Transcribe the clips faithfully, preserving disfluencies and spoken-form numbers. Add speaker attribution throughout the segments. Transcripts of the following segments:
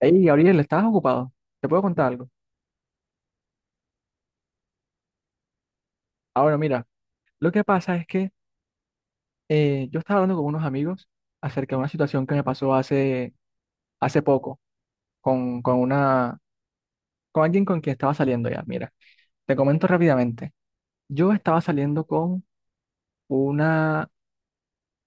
Speaker 1: Hey, Gabriel, ¿estabas ocupado? ¿Te puedo contar algo? Ahora, mira, lo que pasa es que eh, yo estaba hablando con unos amigos acerca de una situación que me pasó hace, hace poco con, con una, con alguien con quien estaba saliendo ya. Mira, te comento rápidamente. Yo estaba saliendo con una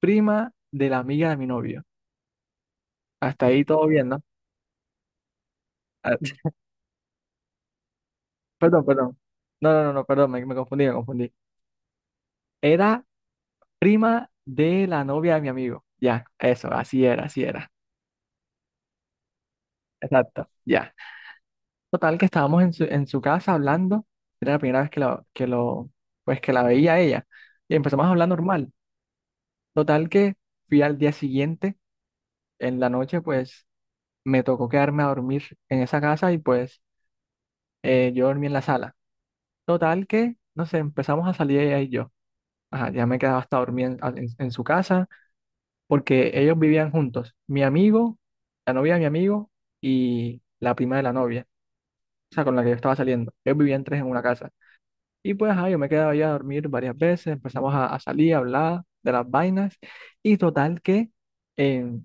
Speaker 1: prima de la amiga de mi novio. Hasta ahí todo bien, ¿no? Ah, perdón, perdón. No, no, no, no, perdón, me, me confundí, me confundí. Era prima de la novia de mi amigo. Ya, eso, así era, así era. Exacto, ya. Total, que estábamos en su, en su casa hablando. Era la primera vez que lo, que lo, pues que la veía a ella. Y empezamos a hablar normal. Total que fui al día siguiente, en la noche, pues me tocó quedarme a dormir en esa casa y pues eh, yo dormí en la sala. Total que, no sé, empezamos a salir ella y yo. Ajá, ya me quedaba hasta dormir en, en- en su casa porque ellos vivían juntos. Mi amigo, la novia de mi amigo y la prima de la novia, o sea, con la que yo estaba saliendo. Ellos vivían tres en una casa. Y pues ahí yo me quedaba allá a dormir varias veces, empezamos a, a salir, a hablar de las vainas y total que eh,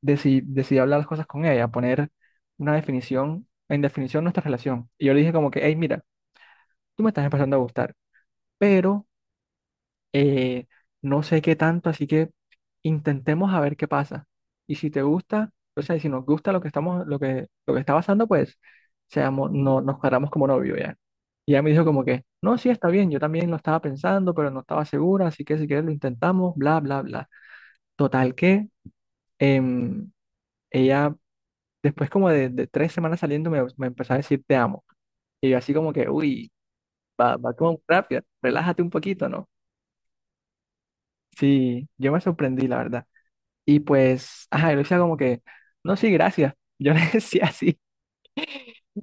Speaker 1: decidí, decidí hablar las cosas con ella, poner una definición, en definición nuestra relación. Y yo le dije como que, hey, mira, tú me estás empezando a gustar, pero eh, no sé qué tanto, así que intentemos a ver qué pasa. Y si te gusta, o sea, y si nos gusta lo que estamos, lo que, lo que está pasando, pues seamos, no, nos cuadramos como novio ya. Y ella me dijo como que, no, sí, está bien, yo también lo estaba pensando, pero no estaba segura, así que si quieres lo intentamos, bla, bla, bla. Total que em, ella, después como de, de tres semanas saliendo, me, me empezó a decir te amo. Y yo así como que, uy, va, va como rápido, relájate un poquito, ¿no? Sí, yo me sorprendí, la verdad. Y pues, ajá, yo le decía como que, no, sí, gracias. Yo le decía así.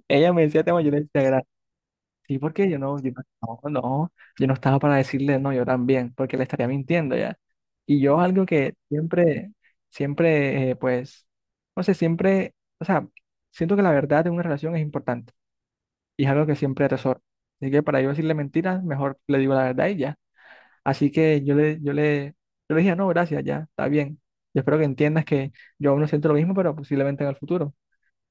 Speaker 1: Ella me decía tema, yo le decía gracias. Sí, porque yo no, yo no, no, no, yo no estaba para decirle no, yo también, porque le estaría mintiendo ya. Y yo algo que siempre, siempre, eh, pues, no sé, siempre, o sea, siento que la verdad en una relación es importante y es algo que siempre atesoro. Así que para yo decirle mentiras, mejor le digo la verdad y ya. Así que yo le, yo le, yo le dije, no, gracias, ya, está bien. Yo espero que entiendas que yo aún no siento lo mismo, pero posiblemente en el futuro.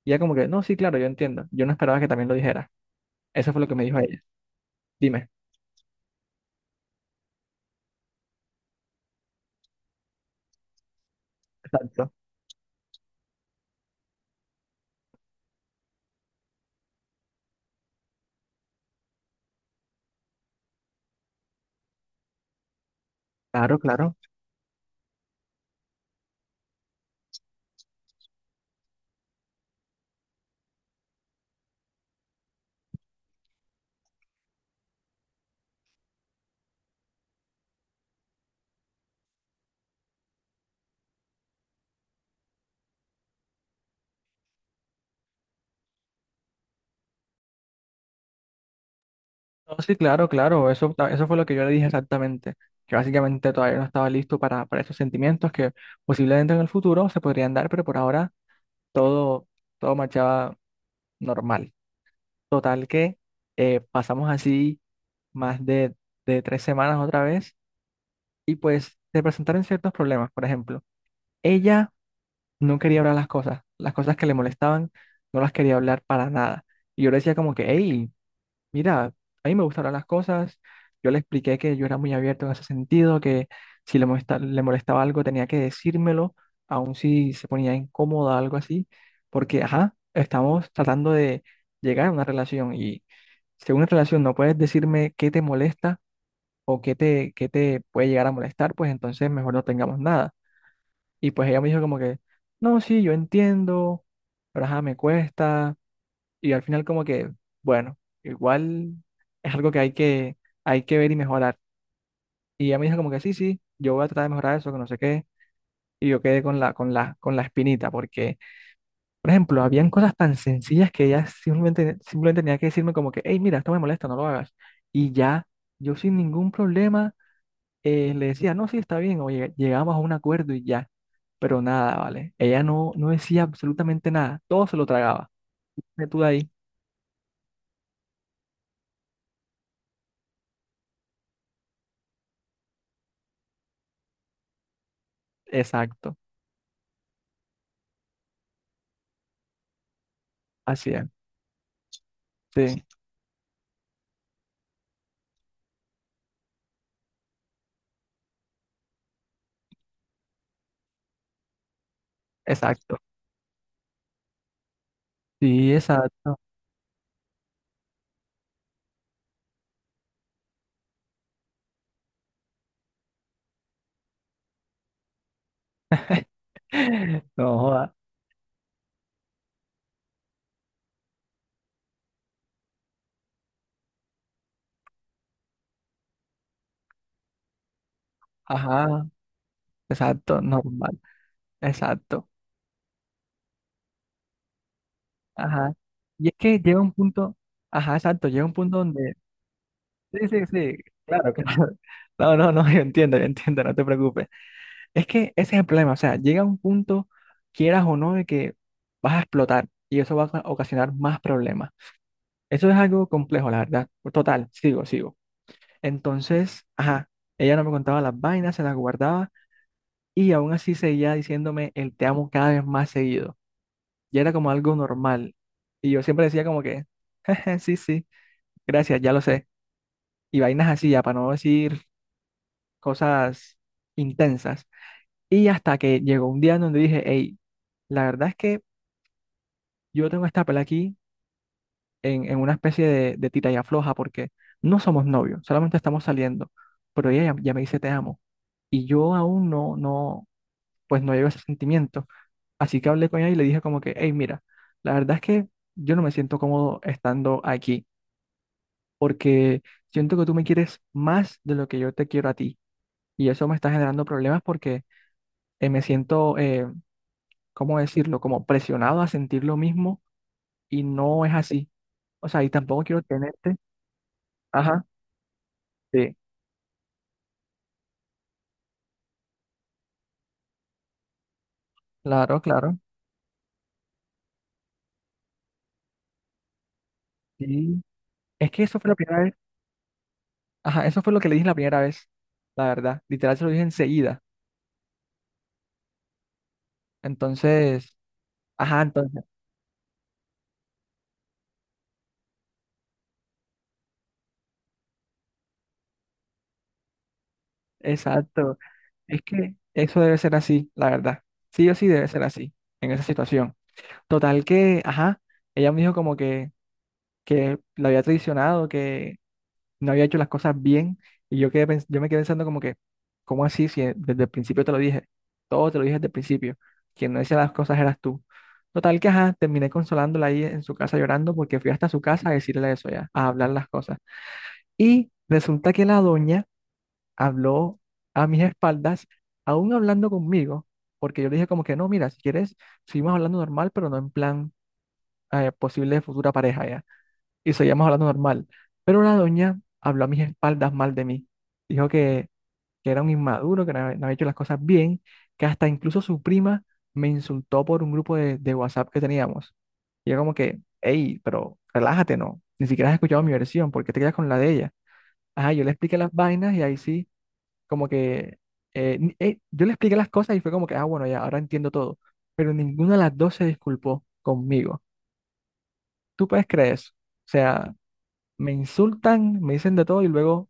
Speaker 1: Y ella como que, no, sí, claro, yo entiendo. Yo no esperaba que también lo dijera. Eso fue lo que me dijo ella. Dime. Exacto. Claro, claro. No, sí, claro, claro. Eso, ta- eso fue lo que yo le dije exactamente. Que básicamente todavía no estaba listo para, para esos sentimientos que posiblemente en el futuro se podrían dar, pero por ahora todo, todo marchaba normal. Total que eh, pasamos así más de, de tres semanas otra vez y pues se presentaron ciertos problemas. Por ejemplo, ella no quería hablar las cosas, las cosas que le molestaban, no las quería hablar para nada. Y yo le decía como que, hey, mira, a mí me gusta hablar las cosas. Yo le expliqué que yo era muy abierto en ese sentido, que si le molesta- le molestaba algo tenía que decírmelo, aun si se ponía incómoda, algo así, porque, ajá, estamos tratando de llegar a una relación y si en una relación no puedes decirme qué te molesta, o qué te, qué te puede llegar a molestar, pues entonces mejor no tengamos nada. Y pues ella me dijo como que, no, sí, yo entiendo, pero ajá, me cuesta. Y al final como que, bueno, igual es algo que hay que, hay que ver y mejorar. Y ella me dijo como que, sí, sí, yo voy a tratar de mejorar eso, que no sé qué. Y yo quedé con la, con la, con la espinita, porque, por ejemplo, habían cosas tan sencillas que ella simplemente, simplemente tenía que decirme como que, hey, mira, esto me molesta, no lo hagas. Y ya, yo sin ningún problema eh, le decía, no, sí, está bien, oye, llegamos a un acuerdo y ya. Pero nada, ¿vale? Ella no, no decía absolutamente nada, todo se lo tragaba. De tú de ahí. Exacto, así es, sí, exacto, sí, exacto. No, joda. Ajá, exacto, normal, exacto, ajá. Y es que llega un punto, ajá, exacto, llega un punto donde, sí, sí, sí, claro, claro. No, no, no, yo entiendo, yo entiendo, no te preocupes. Es que ese es el problema, o sea, llega un punto, quieras o no, de que vas a explotar y eso va a ocasionar más problemas. Eso es algo complejo, la verdad. Total, sigo, sigo. Entonces, ajá, ella no me contaba las vainas, se las guardaba y aún así seguía diciéndome el te amo cada vez más seguido. Y era como algo normal. Y yo siempre decía como que, sí, sí, gracias, ya lo sé. Y vainas así, ya para no decir cosas intensas. Y hasta que llegó un día en donde dije, hey, la verdad es que yo tengo esta pelea aquí en, en una especie de, de tira y afloja porque no somos novios, solamente estamos saliendo, pero ella ya, ya me dice te amo y yo aún no, no, pues no llevo ese sentimiento. Así que hablé con ella y le dije como que, hey, mira, la verdad es que yo no me siento cómodo estando aquí porque siento que tú me quieres más de lo que yo te quiero a ti y eso me está generando problemas porque eh, me siento, eh, ¿cómo decirlo? Como presionado a sentir lo mismo y no es así. O sea, y tampoco quiero tenerte. Ajá. Sí, claro, claro. Sí. Es que eso fue la primera vez. Ajá, eso fue lo que le dije la primera vez, la verdad. Literal se lo dije enseguida. Entonces, ajá, entonces, exacto. Es que eso debe ser así, la verdad. Sí o sí debe ser así, en esa situación. Total que, ajá, ella me dijo como que, que, la había traicionado, que no había hecho las cosas bien y yo, quedé, pens- yo me quedé pensando como que, ¿cómo así? Si e, desde el principio te lo dije, todo te lo dije desde el principio, quien no decía las cosas eras tú. Total que, ajá, terminé consolándola ahí en su casa llorando porque fui hasta su casa a decirle eso ya, a hablar las cosas. Y resulta que la doña habló a mis espaldas, aún hablando conmigo, porque yo le dije como que no, mira, si quieres, seguimos hablando normal, pero no en plan eh, posible futura pareja ya y seguíamos hablando normal. Pero la doña habló a mis espaldas mal de mí. Dijo que, que era un inmaduro, que no había, no había hecho las cosas bien, que hasta incluso su prima me insultó por un grupo de, de WhatsApp que teníamos. Y yo como que, hey, pero relájate, ¿no? Ni siquiera has escuchado mi versión, ¿por qué te quedas con la de ella? Ajá, yo le expliqué las vainas y ahí sí, como que, eh, ni- eh, yo le expliqué las cosas y fue como que, ah, bueno, ya, ahora entiendo todo. Pero ninguna de las dos se disculpó conmigo. ¿Tú puedes creer eso? O sea, me insultan, me dicen de todo y luego,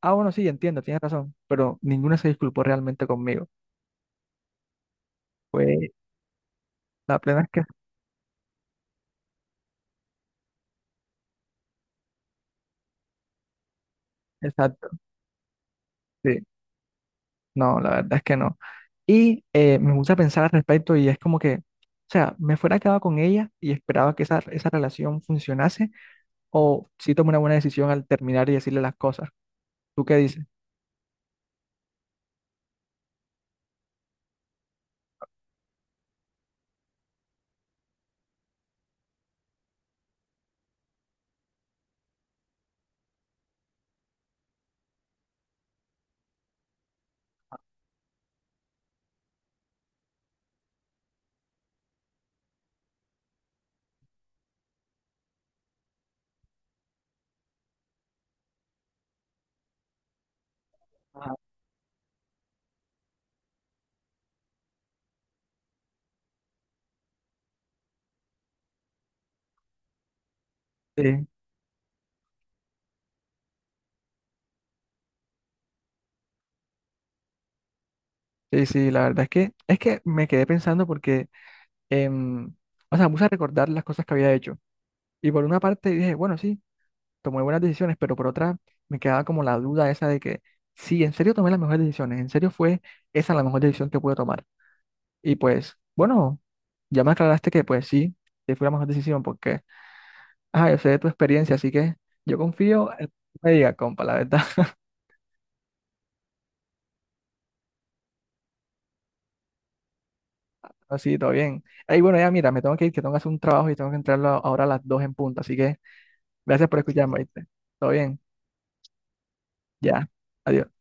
Speaker 1: ah, bueno, sí, entiendo, tienes razón, pero ninguna se disculpó realmente conmigo. Fue la plena es que, exacto, sí, no, la verdad es que no. Y eh, me gusta pensar al respecto y es como que, o sea, me fuera quedado con ella y esperaba que esa, esa relación funcionase o si tomé una buena decisión al terminar y decirle las cosas. ¿Tú qué dices? Ah, sí, sí, sí, la verdad es que, es que, me quedé pensando porque, em, o sea, me puse a recordar las cosas que había hecho. Y por una parte dije, bueno, sí, tomé buenas decisiones, pero por otra me quedaba como la duda esa de que sí, en serio tomé las mejores decisiones, en serio fue esa la mejor decisión que pude tomar. Y pues, bueno, ya me aclaraste que pues sí, que fue la mejor decisión porque, ah, yo sé de tu experiencia, así que yo confío en lo que tú me diga, compa, la verdad. Así, todo bien. Ahí, bueno, ya mira, me tengo que ir, que tengo que hacer un trabajo y tengo que entrarlo ahora a las dos en punto, así que gracias por escucharme, ¿viste? Todo bien, ya, adiós.